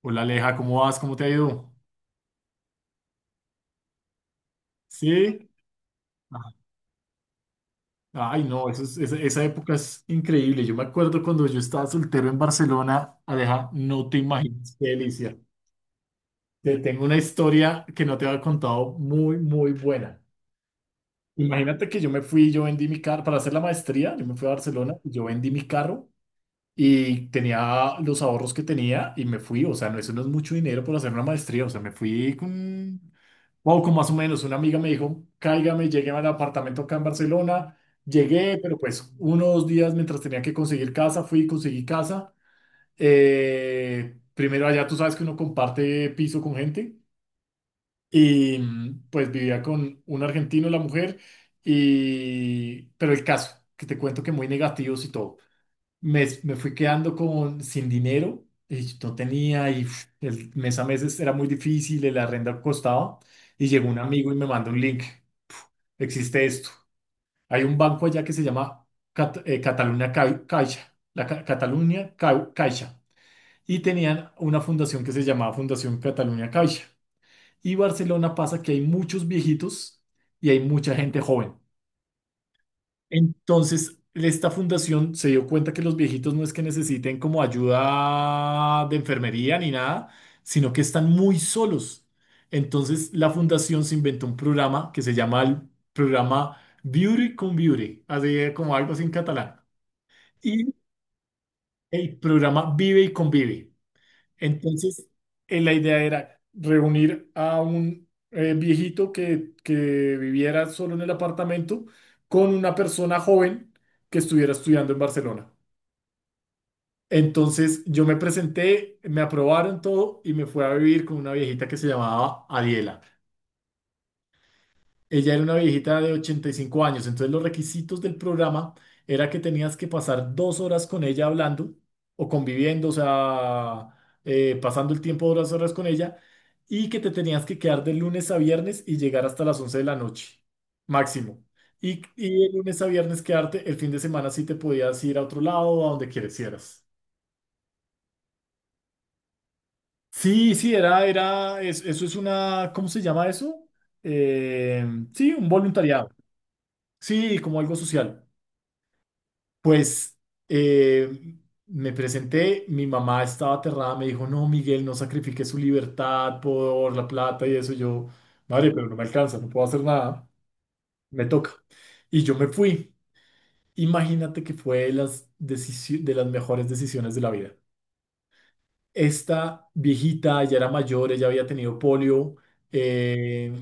Hola Aleja, ¿cómo vas? ¿Cómo te ha ido? ¿Sí? Ah, ay, no, esa época es increíble. Yo me acuerdo cuando yo estaba soltero en Barcelona, Aleja, no te imaginas qué delicia. Te tengo una historia que no te había contado muy, muy buena. Imagínate que yo me fui, yo vendí mi carro para hacer la maestría, yo me fui a Barcelona, yo vendí mi carro. Y tenía los ahorros que tenía y me fui. O sea, no, eso no es mucho dinero por hacer una maestría. O sea, me fui con poco más o menos. Una amiga me dijo, cáigame, llegué al apartamento acá en Barcelona. Llegué, pero pues unos días mientras tenía que conseguir casa, fui y conseguí casa. Primero allá tú sabes que uno comparte piso con gente. Y pues vivía con un argentino, la mujer, pero el caso, que te cuento que muy negativos y todo me fui quedando con sin dinero, y no tenía, y uf, el mes a mes era muy difícil, el arrendo costaba, y llegó un amigo y me mandó un link. Existe esto. Hay un banco allá que se llama Cataluña Caixa, la Cataluña Caixa, y tenían una fundación que se llamaba Fundación Cataluña Caixa. Y Barcelona pasa que hay muchos viejitos y hay mucha gente joven. Entonces, esta fundación se dio cuenta que los viejitos no es que necesiten como ayuda de enfermería ni nada, sino que están muy solos. Entonces, la fundación se inventó un programa que se llama el programa Beauty con Beauty, así como algo así en catalán. Y el programa Vive y Convive. Entonces, la idea era reunir a un viejito que viviera solo en el apartamento con una persona joven que estuviera estudiando en Barcelona. Entonces, yo me presenté, me aprobaron todo y me fui a vivir con una viejita que se llamaba Adiela. Ella era una viejita de 85 años, entonces los requisitos del programa era que tenías que pasar 2 horas con ella hablando o conviviendo, o sea, pasando el tiempo de 2 horas con ella y que te tenías que quedar de lunes a viernes y llegar hasta las 11 de la noche, máximo. Y de lunes a viernes quedarte, el fin de semana sí te podías ir a otro lado o a donde quisieras. Sí, sí, eso es una, ¿cómo se llama eso? Eh, sí, un voluntariado. Sí, como algo social. Pues eh, me presenté, mi mamá estaba aterrada, me dijo, no, Miguel, no sacrifique su libertad por la plata y eso. Yo, madre, pero no me alcanza, no puedo hacer nada, me toca. Y yo me fui. Imagínate que fue de las, de las mejores decisiones de la vida. Esta viejita ya era mayor, ella había tenido polio eh,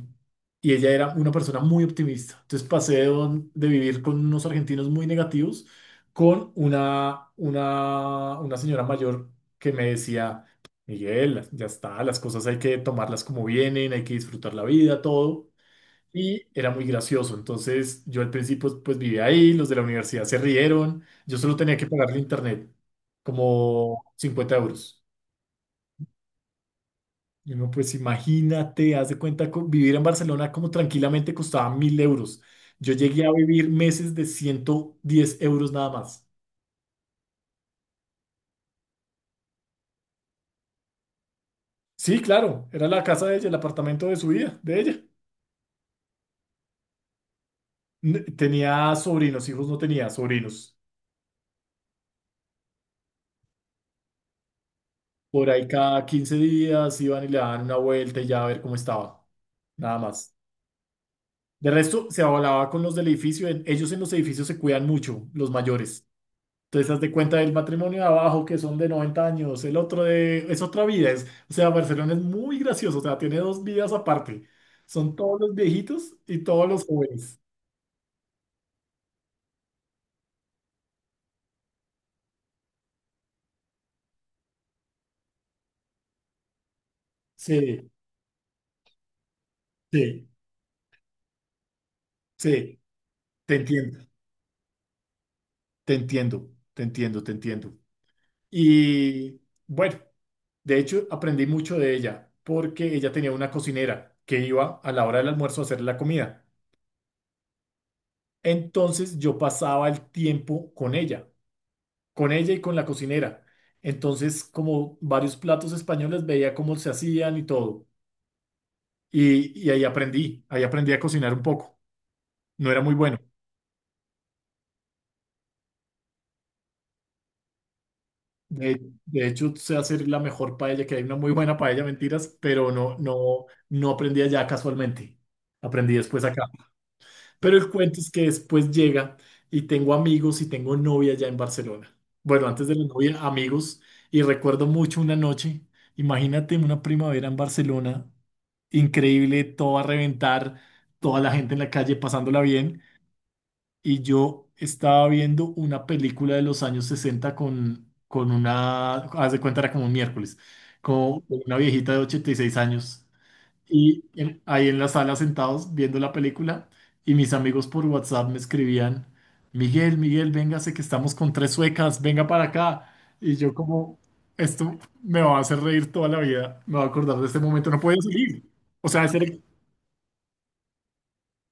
y ella era una persona muy optimista. Entonces pasé de, de vivir con unos argentinos muy negativos con una señora mayor que me decía, Miguel, ya está, las cosas hay que tomarlas como vienen, hay que disfrutar la vida, todo. Y era muy gracioso. Entonces yo al principio pues vivía ahí, los de la universidad se rieron, yo solo tenía que pagarle internet como 50 euros. Y uno, pues imagínate, haz de cuenta, vivir en Barcelona como tranquilamente costaba 1000 euros. Yo llegué a vivir meses de 110 euros nada más. Sí, claro, era la casa de ella, el apartamento de su vida, de ella. Tenía sobrinos, hijos no tenía, sobrinos. Por ahí cada 15 días iban y le daban una vuelta y ya a ver cómo estaba. Nada más. De resto, se hablaba con los del edificio. Ellos en los edificios se cuidan mucho, los mayores. Entonces, haz de cuenta del matrimonio de abajo, que son de 90 años, el otro de, es otra vida. Es, o sea, Barcelona es muy gracioso, o sea, tiene dos vidas aparte. Son todos los viejitos y todos los jóvenes. Sí, sí, sí, te entiendo, te entiendo, te entiendo, te entiendo. Y bueno, de hecho, aprendí mucho de ella, porque ella tenía una cocinera que iba a la hora del almuerzo a hacer la comida. Entonces, yo pasaba el tiempo con ella, con ella y con la cocinera. Entonces, como varios platos españoles, veía cómo se hacían y todo. Y ahí aprendí a cocinar un poco. No era muy bueno. De hecho, sé hacer la mejor paella, que hay una muy buena paella, mentiras, pero no, no, no aprendí allá casualmente. Aprendí después acá. Pero el cuento es que después llega y tengo amigos y tengo novia allá en Barcelona. Bueno, antes de la novia, amigos. Y recuerdo mucho una noche, imagínate una primavera en Barcelona increíble, todo a reventar, toda la gente en la calle pasándola bien. Y yo estaba viendo una película de los años 60 con una, haz de cuenta, era como un miércoles, con una viejita de 86 años. Y ahí en la sala sentados viendo la película, y mis amigos por WhatsApp me escribían, Miguel, Miguel, véngase que estamos con tres suecas, venga para acá. Y yo como, esto me va a hacer reír toda la vida, me va a acordar de este momento, no podía salir. O sea, ese era.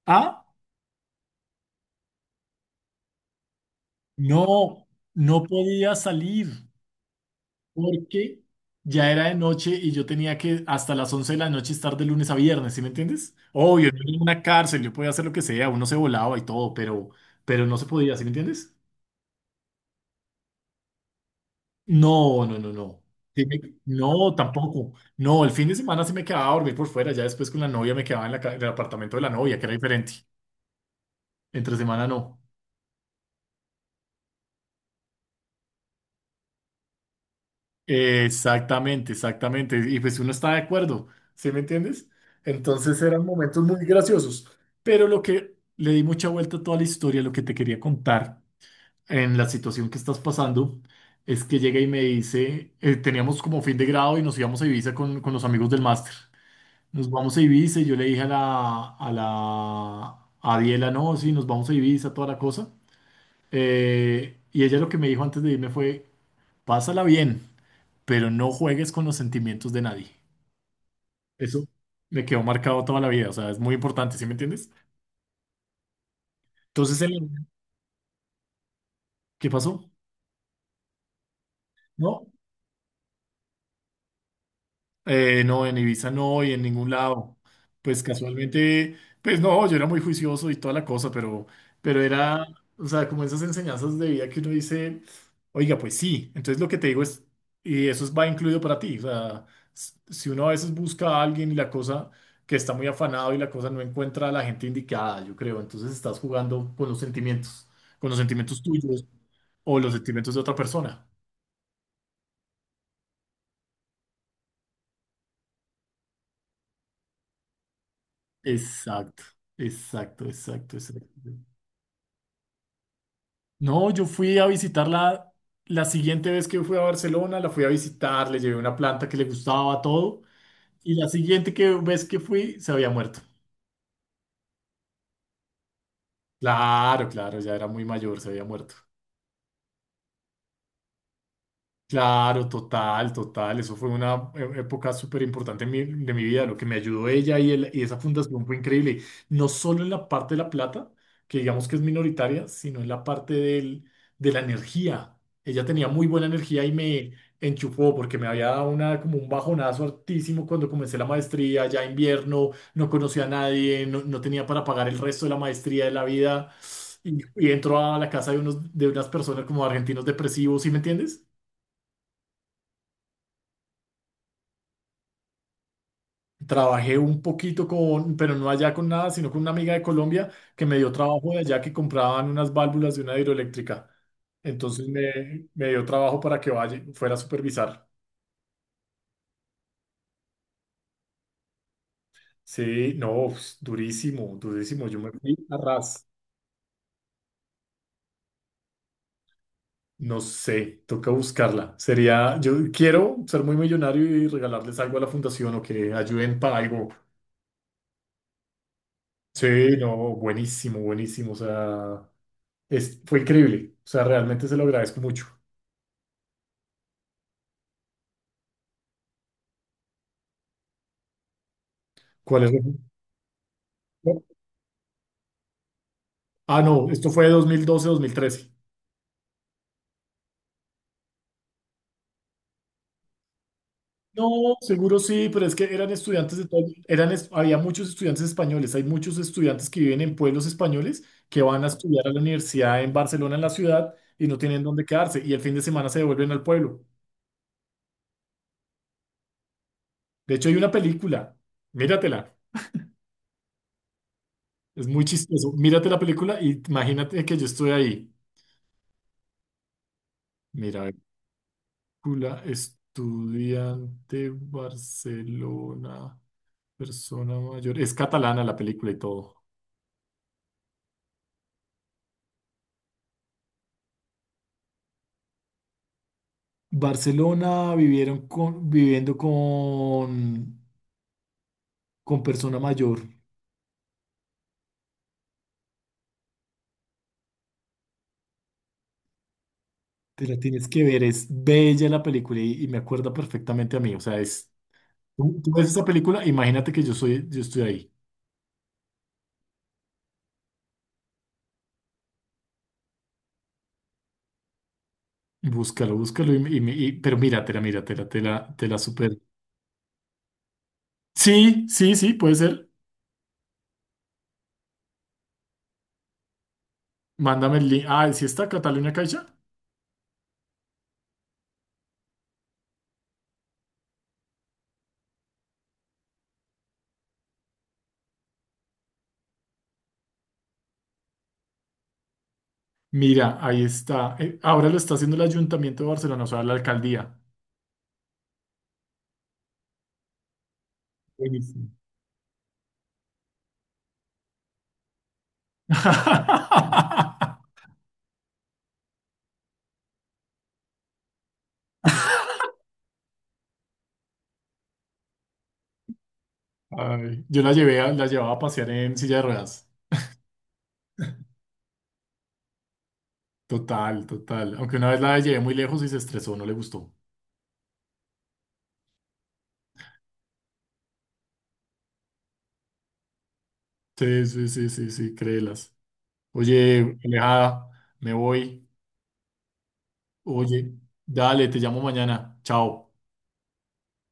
Ah, no, no podía salir porque ya era de noche y yo tenía que hasta las 11 de la noche estar de lunes a viernes, ¿sí me entiendes? Obvio, yo era en una cárcel, yo podía hacer lo que sea, uno se volaba y todo, pero no se podía, ¿sí me entiendes? No, no, no, no. No, tampoco. No, el fin de semana sí me quedaba a dormir por fuera, ya después con la novia me quedaba en la en el apartamento de la novia, que era diferente. Entre semana no. Exactamente, exactamente. Y pues uno está de acuerdo, ¿sí me entiendes? Entonces eran momentos muy graciosos. Pero lo que le di mucha vuelta a toda la historia, lo que te quería contar en la situación que estás pasando, es que llega y me dice, teníamos como fin de grado y nos íbamos a Ibiza con los amigos del máster. Nos vamos a Ibiza y yo le dije a a Diela, no, sí, nos vamos a Ibiza, toda la cosa. Y ella lo que me dijo antes de irme fue, pásala bien pero no juegues con los sentimientos de nadie. Eso me quedó marcado toda la vida, o sea, es muy importante, ¿sí me entiendes? Entonces, el ¿qué pasó? No, no, en Ibiza no y en ningún lado. Pues casualmente, pues no, yo era muy juicioso y toda la cosa, pero, pero era, o sea, como esas enseñanzas de vida que uno dice, oiga, pues sí, entonces lo que te digo es, y va incluido para ti, o sea, si uno a veces busca a alguien y la cosa que está muy afanado y la cosa no encuentra a la gente indicada, yo creo, entonces estás jugando con los sentimientos tuyos o los sentimientos de otra persona. Exacto, exacto, exacto, exacto. No, yo fui a visitarla la siguiente vez que fui a Barcelona, la fui a visitar, le llevé una planta que le gustaba todo y vez que fui se había muerto. Claro, claro, ya era muy mayor, se había muerto. Claro, total, total. Eso fue una época súper importante de mi vida. Lo que me ayudó ella y esa fundación fue increíble. No solo en la parte de la plata, que digamos que es minoritaria, sino en la parte de la energía. Ella tenía muy buena energía y me enchufó porque me había dado una, como un bajonazo altísimo cuando comencé la maestría, ya invierno, no conocía a nadie, no, no tenía para pagar el resto de la maestría de la vida. Y entró a la casa de, unos, de unas personas como argentinos depresivos, ¿sí me entiendes? Trabajé un poquito con, pero no allá con nada, sino con una amiga de Colombia que me dio trabajo de allá que compraban unas válvulas de una hidroeléctrica. Entonces me dio trabajo para que vaya, fuera a supervisar. Sí, no, pues, durísimo, durísimo. Yo me fui a ras. No sé, toca buscarla. Sería, yo quiero ser muy millonario y regalarles algo a la fundación o que ayuden para algo. Sí, no, buenísimo, buenísimo. O sea, es, fue increíble. O sea, realmente se lo agradezco mucho. ¿Cuál es? Ah, no, esto fue 2012, mil trece. No, seguro sí, pero es que eran estudiantes de todo, eran, había muchos estudiantes españoles, hay muchos estudiantes que viven en pueblos españoles que van a estudiar a la universidad en Barcelona, en la ciudad, y no tienen dónde quedarse, y el fin de semana se devuelven al pueblo. De hecho, hay una película, míratela, es muy chistoso, mírate la película y imagínate que yo estoy ahí. Mira, película, estudiante, Barcelona, persona mayor, es catalana la película y todo. Barcelona vivieron con, viviendo con persona mayor. Te la tienes que ver, es bella la película y me acuerda perfectamente a mí. O sea, es, tú ves esa película, imagínate que yo soy, yo estoy ahí. Búscalo, búscalo, pero míratela, míratela, te la super. Sí, sí, sí, puede ser. Mándame el link. Ah, ¿sí está Cataluña Caixa? Mira, ahí está. Ahora lo está haciendo el Ayuntamiento de Barcelona, o sea, la alcaldía. Buenísimo. Ay, yo la llevaba a pasear en silla de ruedas. Total, total. Aunque una vez la llevé muy lejos y se estresó, no le gustó. Sí, sí, sí, sí, sí, créelas. Oye, Alejada, me voy. Oye, dale, te llamo mañana. Chao.